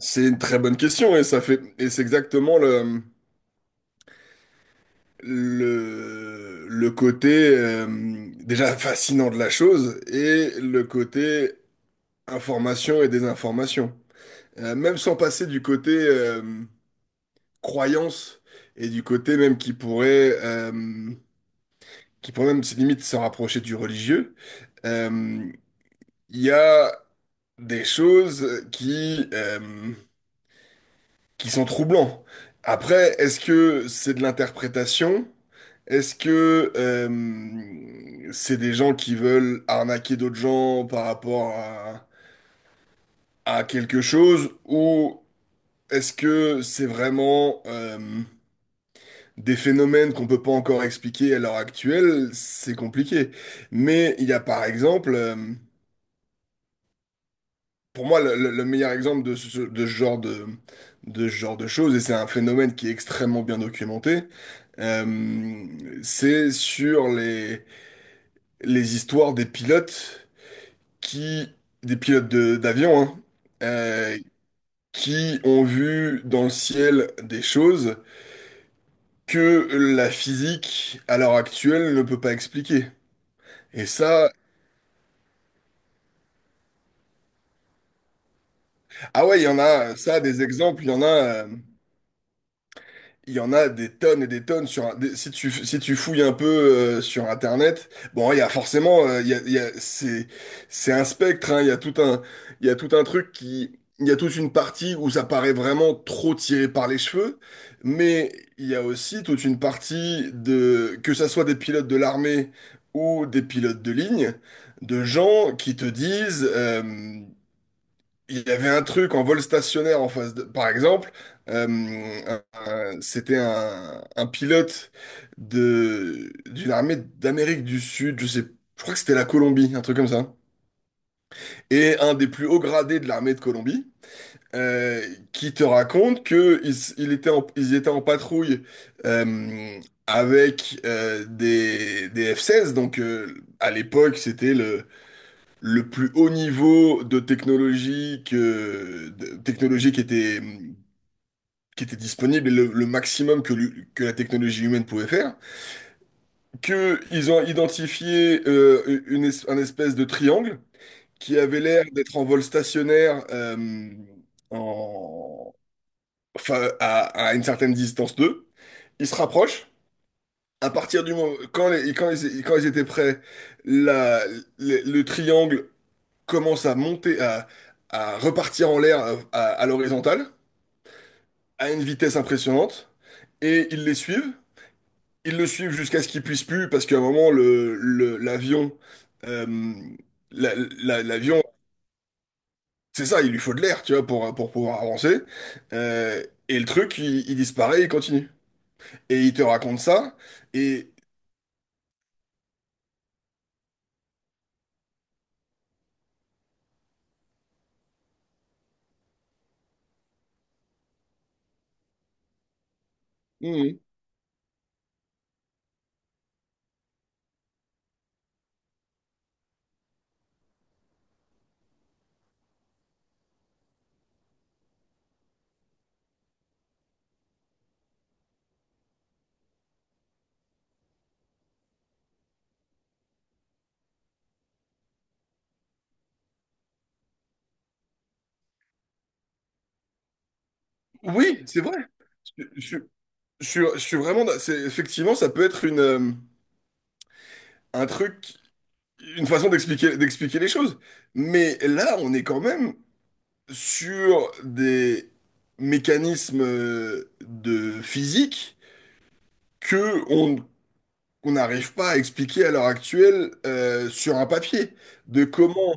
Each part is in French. C'est une très bonne question et ça fait et c'est exactement le côté déjà fascinant de la chose et le côté information et désinformation. Même sans passer du côté croyance et du côté même qui pourrait même limite se rapprocher du religieux. euh, il y a des choses qui sont troublants. Après, est-ce que c'est de l'interprétation? Est-ce que c'est des gens qui veulent arnaquer d'autres gens par rapport à quelque chose? Ou est-ce que c'est vraiment des phénomènes qu'on peut pas encore expliquer à l'heure actuelle? C'est compliqué. Mais il y a par exemple. Pour moi, le meilleur exemple de ce genre de ce genre de choses, et c'est un phénomène qui est extrêmement bien documenté. euh, c'est sur les histoires qui, des pilotes d'avion, hein. euh, qui ont vu dans le ciel des choses que la physique, à l'heure actuelle, ne peut pas expliquer. Et ça, ah ouais, il y en a, ça, des exemples, il y en a. Il y en a des tonnes et des tonnes si tu fouilles un peu sur Internet. Bon, il y a forcément c'est un spectre, hein. Il y a tout un truc qui il y a toute une partie où ça paraît vraiment trop tiré par les cheveux, mais il y a aussi toute une partie de que ça soit des pilotes de l'armée ou des pilotes de ligne, de gens qui te disent il y avait un truc en vol stationnaire en face de. Par exemple, euh, c'était un pilote d'une armée d'Amérique du Sud, je sais, je crois que c'était la Colombie, un truc comme ça. Et un des plus hauts gradés de l'armée de Colombie, euh, qui te raconte que ils étaient en patrouille euh, avec des F-16. Donc à l'époque, c'était le plus haut niveau de technologie de technologie qui était disponible, et le maximum que la technologie humaine pouvait faire, que ils ont identifié un espèce de triangle qui avait l'air d'être en vol stationnaire en, enfin, à une certaine distance d'eux. Ils se rapprochent. À partir du moment, quand ils étaient prêts, la- le triangle commence à monter, à repartir en l'air à l'horizontale, à une vitesse impressionnante, et ils les suivent. Ils le suivent jusqu'à ce qu'ils puissent plus, parce qu'à un moment, l'avion, euh, l'avion, c'est ça, il lui faut de l'air, tu vois, pour pouvoir avancer. Euh, et le truc, il disparaît, il continue. Et il te raconte ça, et Mmh. Oui, c'est vrai. Je, je- je suis vraiment, c'est, effectivement, ça peut être un truc. Une façon d'expliquer les choses. Mais là, on est quand même sur des mécanismes de physique que on qu'on n'arrive pas à expliquer à l'heure actuelle sur un papier. De comment.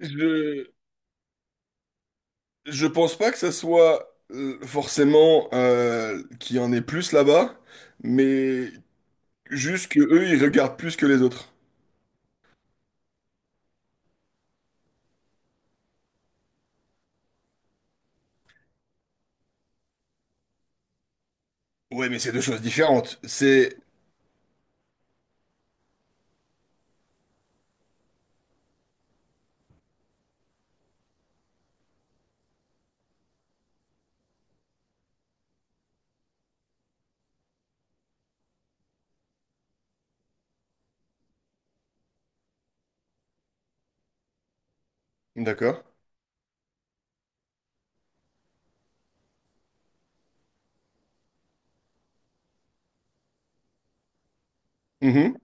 Je je pense pas que ça soit forcément qu'il y en ait plus là-bas, mais juste que eux ils regardent plus que les autres. Ouais, mais c'est deux choses différentes. C'est d'accord. Mhm,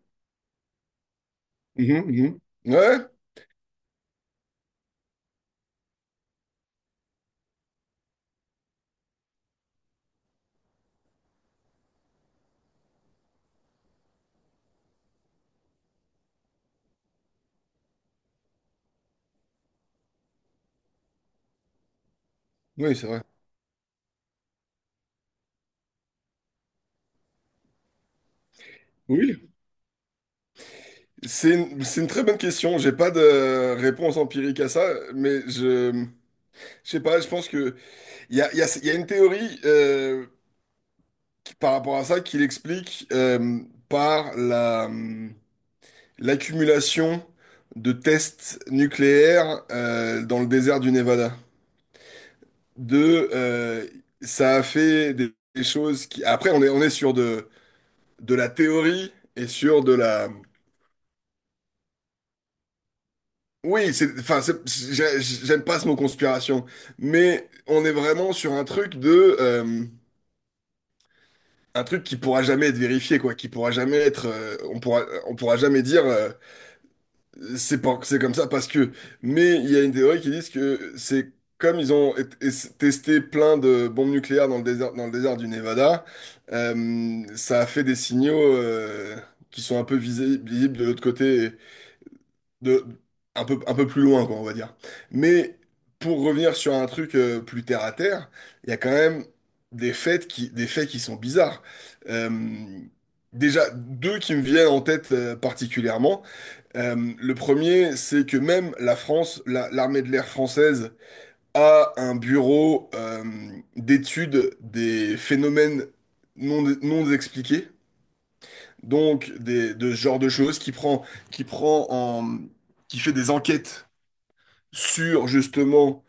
mhm, mhm. Ouais. Oui, c'est vrai. Oui, c'est c'est une très bonne question. J'ai pas de réponse empirique à ça, mais je sais pas, je pense que il y a une théorie par rapport à ça qui l'explique par l'accumulation de tests nucléaires dans le désert du Nevada. De, euh, Ça a fait des choses qui. Après, on est sur de la théorie et sur de la... Oui, c'est, enfin, j'aime pas ce mot conspiration, mais on est vraiment sur un truc de, un truc qui pourra jamais être vérifié, quoi, qui pourra jamais être, on pourra jamais dire, c'est pas, c'est comme ça parce que, mais il y a une théorie qui dit que c'est comme ils ont testé plein de bombes nucléaires dans le désert du Nevada, ça a fait des signaux, qui sont un peu visibles de l'autre côté. De un peu plus loin, quoi, on va dire. Mais pour revenir sur un truc plus terre à terre, il y a quand même des faits qui sont bizarres. Euh, Déjà, deux qui me viennent en tête particulièrement. Le premier, c'est que même la France, l'armée de l'air française a un bureau d'études des phénomènes non expliqués. Donc, de ce genre de choses qui prend en, qui fait des enquêtes sur justement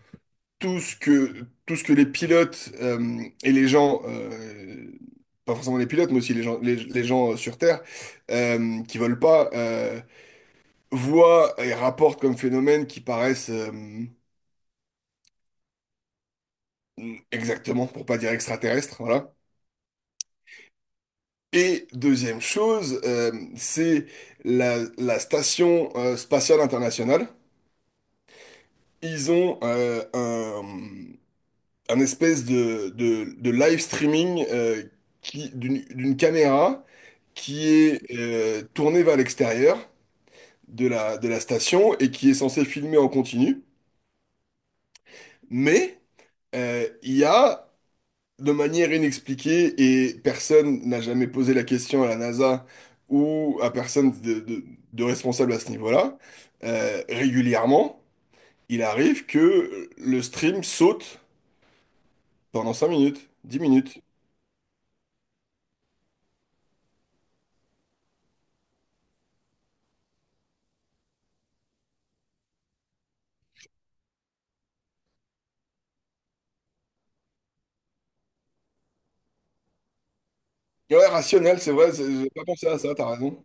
tout ce que les pilotes et les gens, pas forcément les pilotes, mais aussi les gens, les gens sur Terre, qui veulent pas, voient et rapportent comme phénomènes qui paraissent exactement, pour pas dire extraterrestres, voilà. Et deuxième chose, c'est la station spatiale internationale. Ils ont un espèce de live streaming d'une caméra qui est tournée vers l'extérieur de la station et qui est censée filmer en continu. Mais il y a, de manière inexpliquée, et personne n'a jamais posé la question à la NASA ou à personne de responsable à ce niveau-là, régulièrement, il arrive que le stream saute pendant 5 minutes, 10 minutes. Ouais, rationnel, c'est vrai, j'ai pas pensé à ça, t'as raison.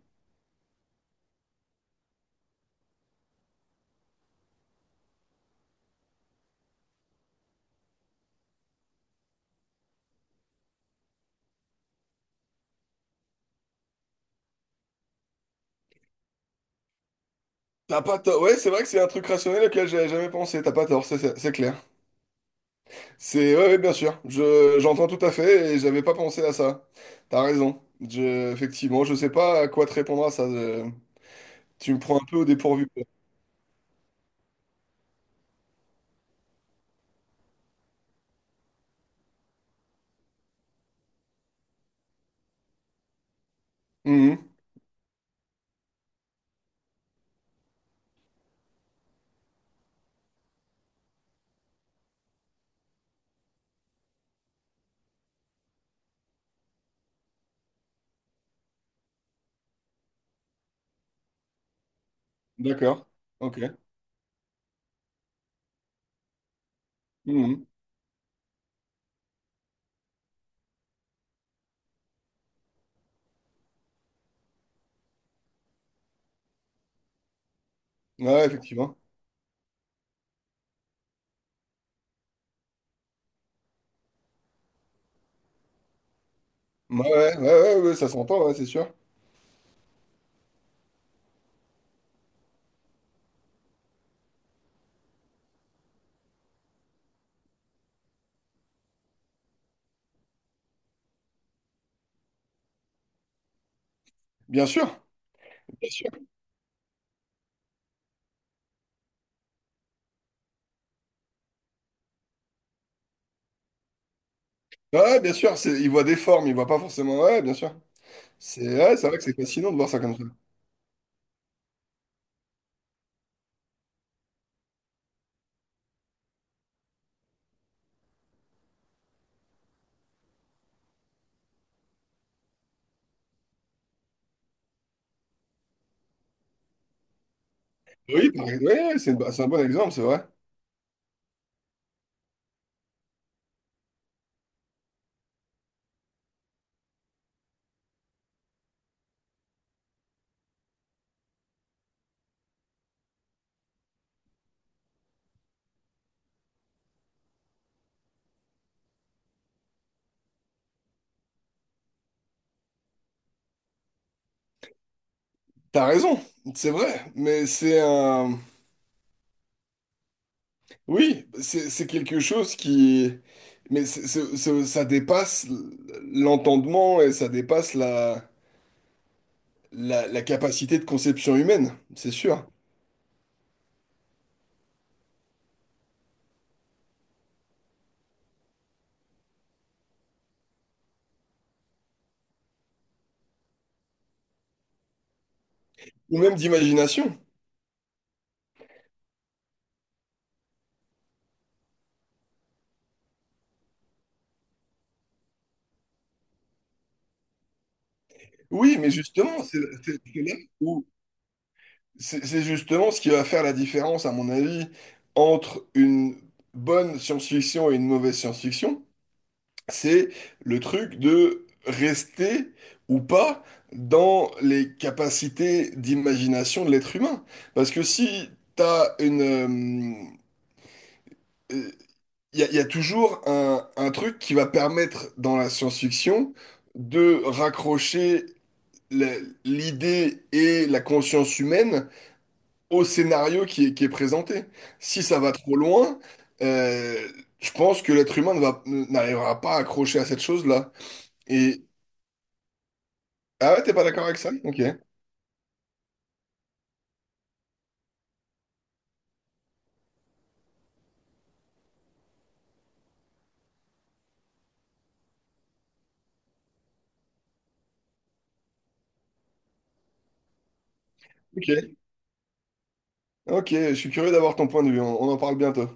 T'as pas tort. Ouais, c'est vrai que c'est un truc rationnel auquel j'avais jamais pensé. T'as pas tort, c'est clair. C'est ouais, ouais, bien sûr. Je J'entends tout à fait et j'avais pas pensé à ça. T'as raison. Je Effectivement, je sais pas à quoi te répondre à ça. Tu me prends un peu au dépourvu, quoi. Mhm. D'accord. Ok. Mhm. Ouais, ouais, effectivement. Ouais, ouais, ouais, ouais, ouais, ouais, ça s'entend, ouais, c'est sûr. Bien sûr. Ouais, ouais, bien sûr. C'est, il voit des formes, il voit pas forcément. Ouais, ouais, bien sûr. C'est ouais, c'est vrai que c'est fascinant de voir ça comme ça. Oui, ouais, c'est bah, c'est un bon exemple, c'est vrai. T'as raison, c'est vrai, mais c'est un... Oui, c'est quelque chose qui... Mais ça dépasse l'entendement et ça dépasse la capacité de conception humaine, c'est sûr. Ou même d'imagination. Oui, mais justement, c'est c'est là où... C'est justement ce qui va faire la différence, à mon avis, entre une bonne science-fiction et une mauvaise science-fiction. C'est le truc de rester ou pas dans les capacités d'imagination de l'être humain. Parce que si t'as une... Il y a toujours un truc qui va permettre dans la science-fiction de raccrocher la- l'idée et la conscience humaine au scénario qui est présenté. Si ça va trop loin, euh, je pense que l'être humain ne n'arrivera pas à accrocher à cette chose-là. Ah ouais, t'es pas d'accord avec ça? Ok, ok, ok, je suis curieux d'avoir ton point de vue, on en parle bientôt.